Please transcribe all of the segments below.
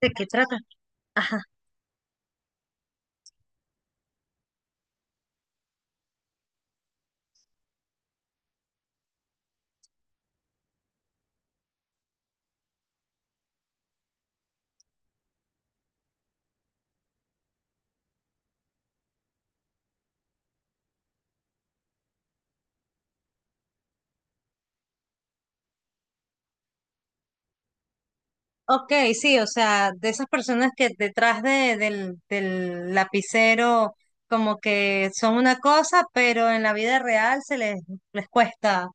¿De qué trata? Ajá. Ok, sí, o sea, de esas personas que detrás del lapicero como que son una cosa, pero en la vida real les cuesta.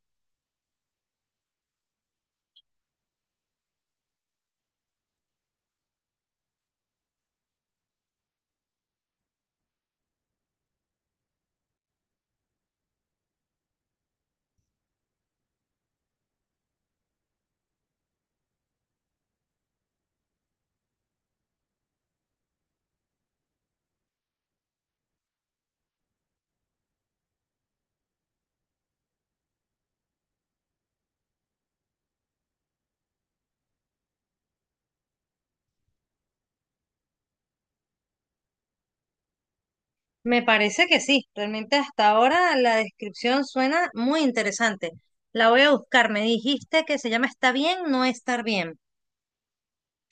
Me parece que sí, realmente hasta ahora la descripción suena muy interesante. La voy a buscar, me dijiste que se llama Está bien, no estar bien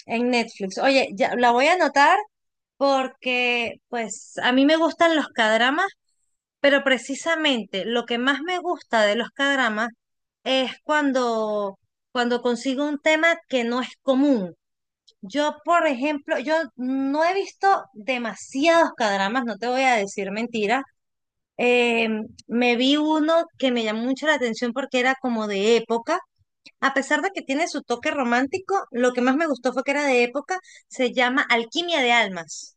en Netflix. Oye, ya la voy a anotar porque pues a mí me gustan los cadramas. Pero precisamente lo que más me gusta de los K-dramas es cuando consigo un tema que no es común. Yo, por ejemplo, yo no he visto demasiados K-dramas, no te voy a decir mentira. Eh, Me vi uno que me llamó mucho la atención porque era como de época. A pesar de que tiene su toque romántico, lo que más me gustó fue que era de época. Se llama Alquimia de Almas.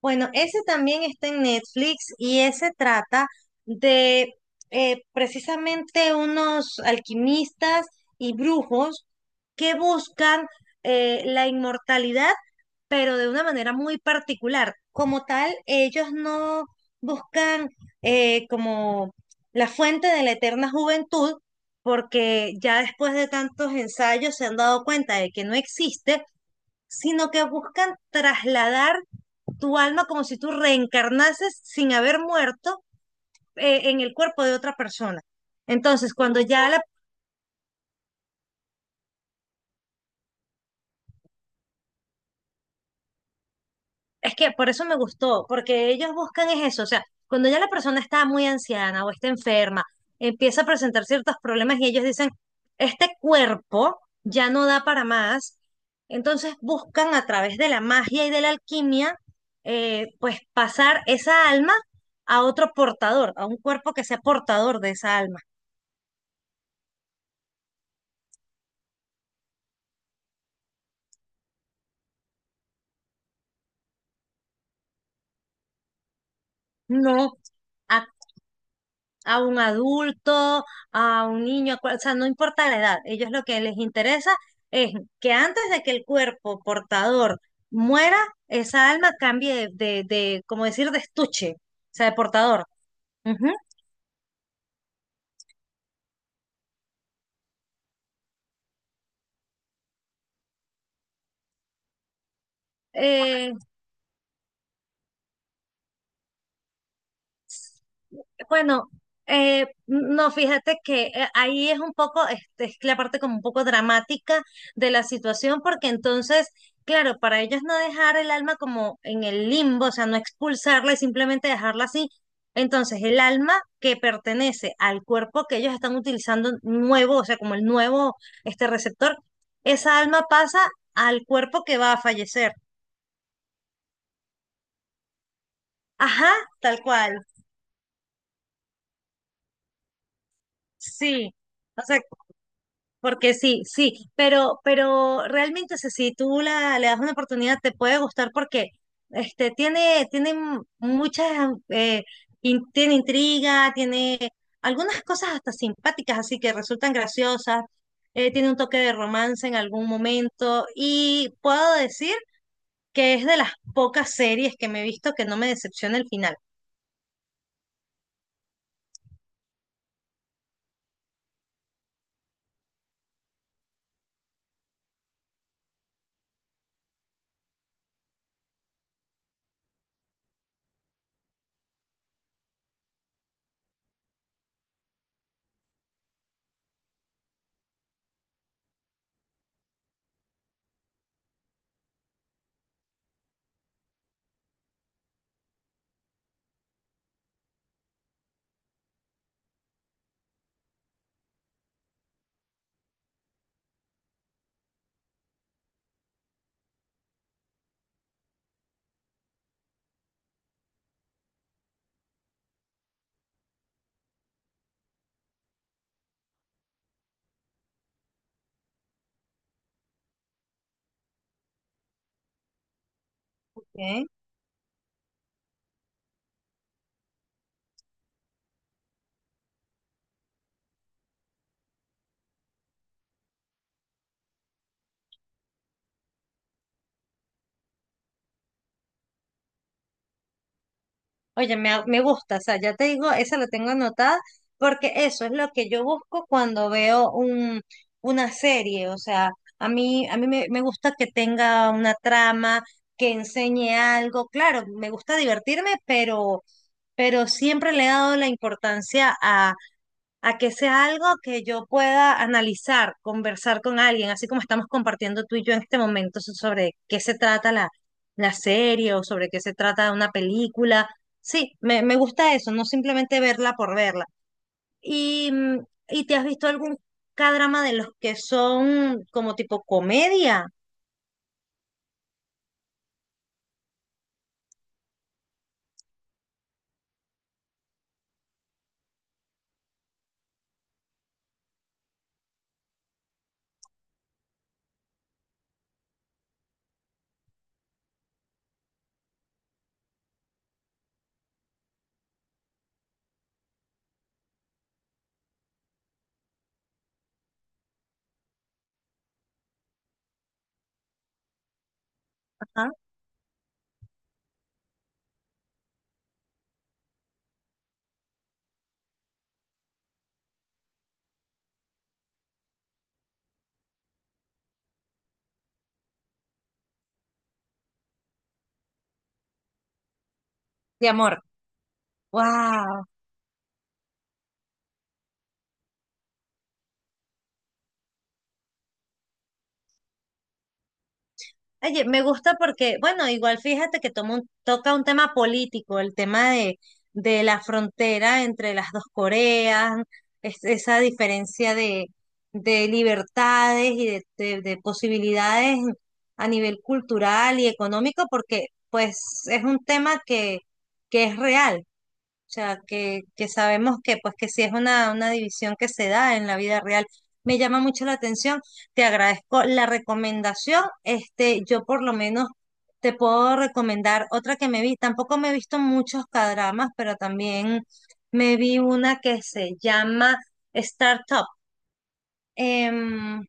Bueno, ese también está en Netflix y ese trata de precisamente unos alquimistas y brujos que buscan la inmortalidad, pero de una manera muy particular. Como tal, ellos no buscan como la fuente de la eterna juventud, porque ya después de tantos ensayos se han dado cuenta de que no existe, sino que buscan trasladar tu alma como si tú reencarnases sin haber muerto, en el cuerpo de otra persona. Entonces, cuando ya la... Es que por eso me gustó, porque ellos buscan es eso, o sea, cuando ya la persona está muy anciana o está enferma, empieza a presentar ciertos problemas y ellos dicen, este cuerpo ya no da para más, entonces buscan a través de la magia y de la alquimia, pues pasar esa alma a otro portador, a un cuerpo que sea portador de esa alma, no a un adulto, a un niño, o sea, no importa la edad, ellos lo que les interesa es que antes de que el cuerpo portador muera, esa alma cambie de, como decir, de estuche, o sea, de portador. Ujú. Eh, Bueno, no, fíjate que ahí es un poco, este, es la parte como un poco dramática de la situación, porque entonces, claro, para ellos no dejar el alma como en el limbo, o sea, no expulsarla y simplemente dejarla así. Entonces, el alma que pertenece al cuerpo que ellos están utilizando nuevo, o sea, como el nuevo, este receptor, esa alma pasa al cuerpo que va a fallecer. Ajá, tal cual. Sí. O sea. Porque sí, pero realmente o sea, si le das una oportunidad te puede gustar porque este, tiene muchas, eh, tiene intriga, tiene algunas cosas hasta simpáticas, así que resultan graciosas, tiene un toque de romance en algún momento y puedo decir que es de las pocas series que me he visto que no me decepciona el final. ¿Ok? Oye, me gusta, o sea, ya te digo, esa la tengo anotada porque eso es lo que yo busco cuando veo una serie, o sea, a mí me gusta que tenga una trama, que enseñe algo, claro, me gusta divertirme, pero siempre le he dado la importancia a que sea algo que yo pueda analizar, conversar con alguien, así como estamos compartiendo tú y yo en este momento sobre qué se trata la serie o sobre qué se trata una película. Sí, me gusta eso, no simplemente verla por verla. ¿Y, mm, ¿y te has visto algún K-drama de los que son como tipo comedia? Ajá. De amor. ¡Wow! Oye, me gusta porque, bueno, igual fíjate que toca un tema político, el tema de la frontera entre las dos Coreas, esa diferencia de libertades y de posibilidades a nivel cultural y económico, porque pues es un tema que es real. O sea, que sabemos que, pues, que sí es una división que se da en la vida real. Me llama mucho la atención. Te agradezco la recomendación. Este, yo por lo menos te puedo recomendar otra que me vi. Tampoco me he visto muchos cadramas, pero también me vi una que se llama Startup. Em,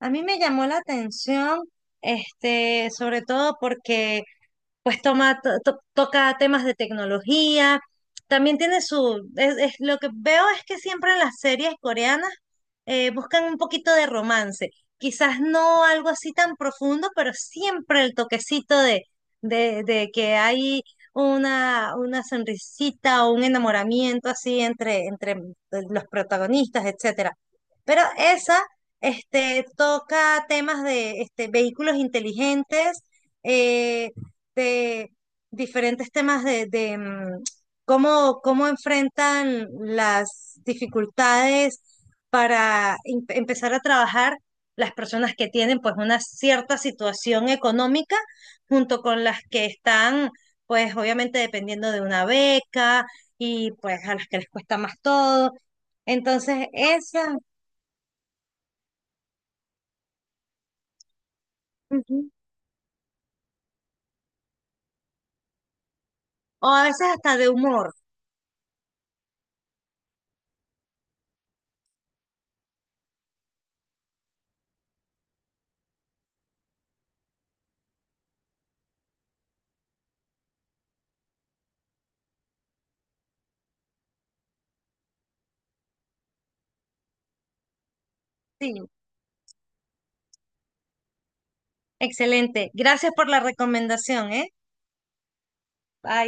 a mí me llamó la atención, este, sobre todo porque pues toca temas de tecnología. También tiene lo que veo es que siempre en las series coreanas buscan un poquito de romance. Quizás no algo así tan profundo, pero siempre el toquecito de que hay una sonrisita o un enamoramiento así entre los protagonistas, etcétera. Pero esa, este, toca temas de este, vehículos inteligentes. eh, de diferentes temas de, cómo enfrentan las dificultades para empezar a trabajar las personas que tienen pues una cierta situación económica junto con las que están pues obviamente dependiendo de una beca y pues a las que les cuesta más todo. Entonces, esa, ujú, o a veces hasta de humor, sí, excelente. Gracias por la recomendación, ¿eh? Bye.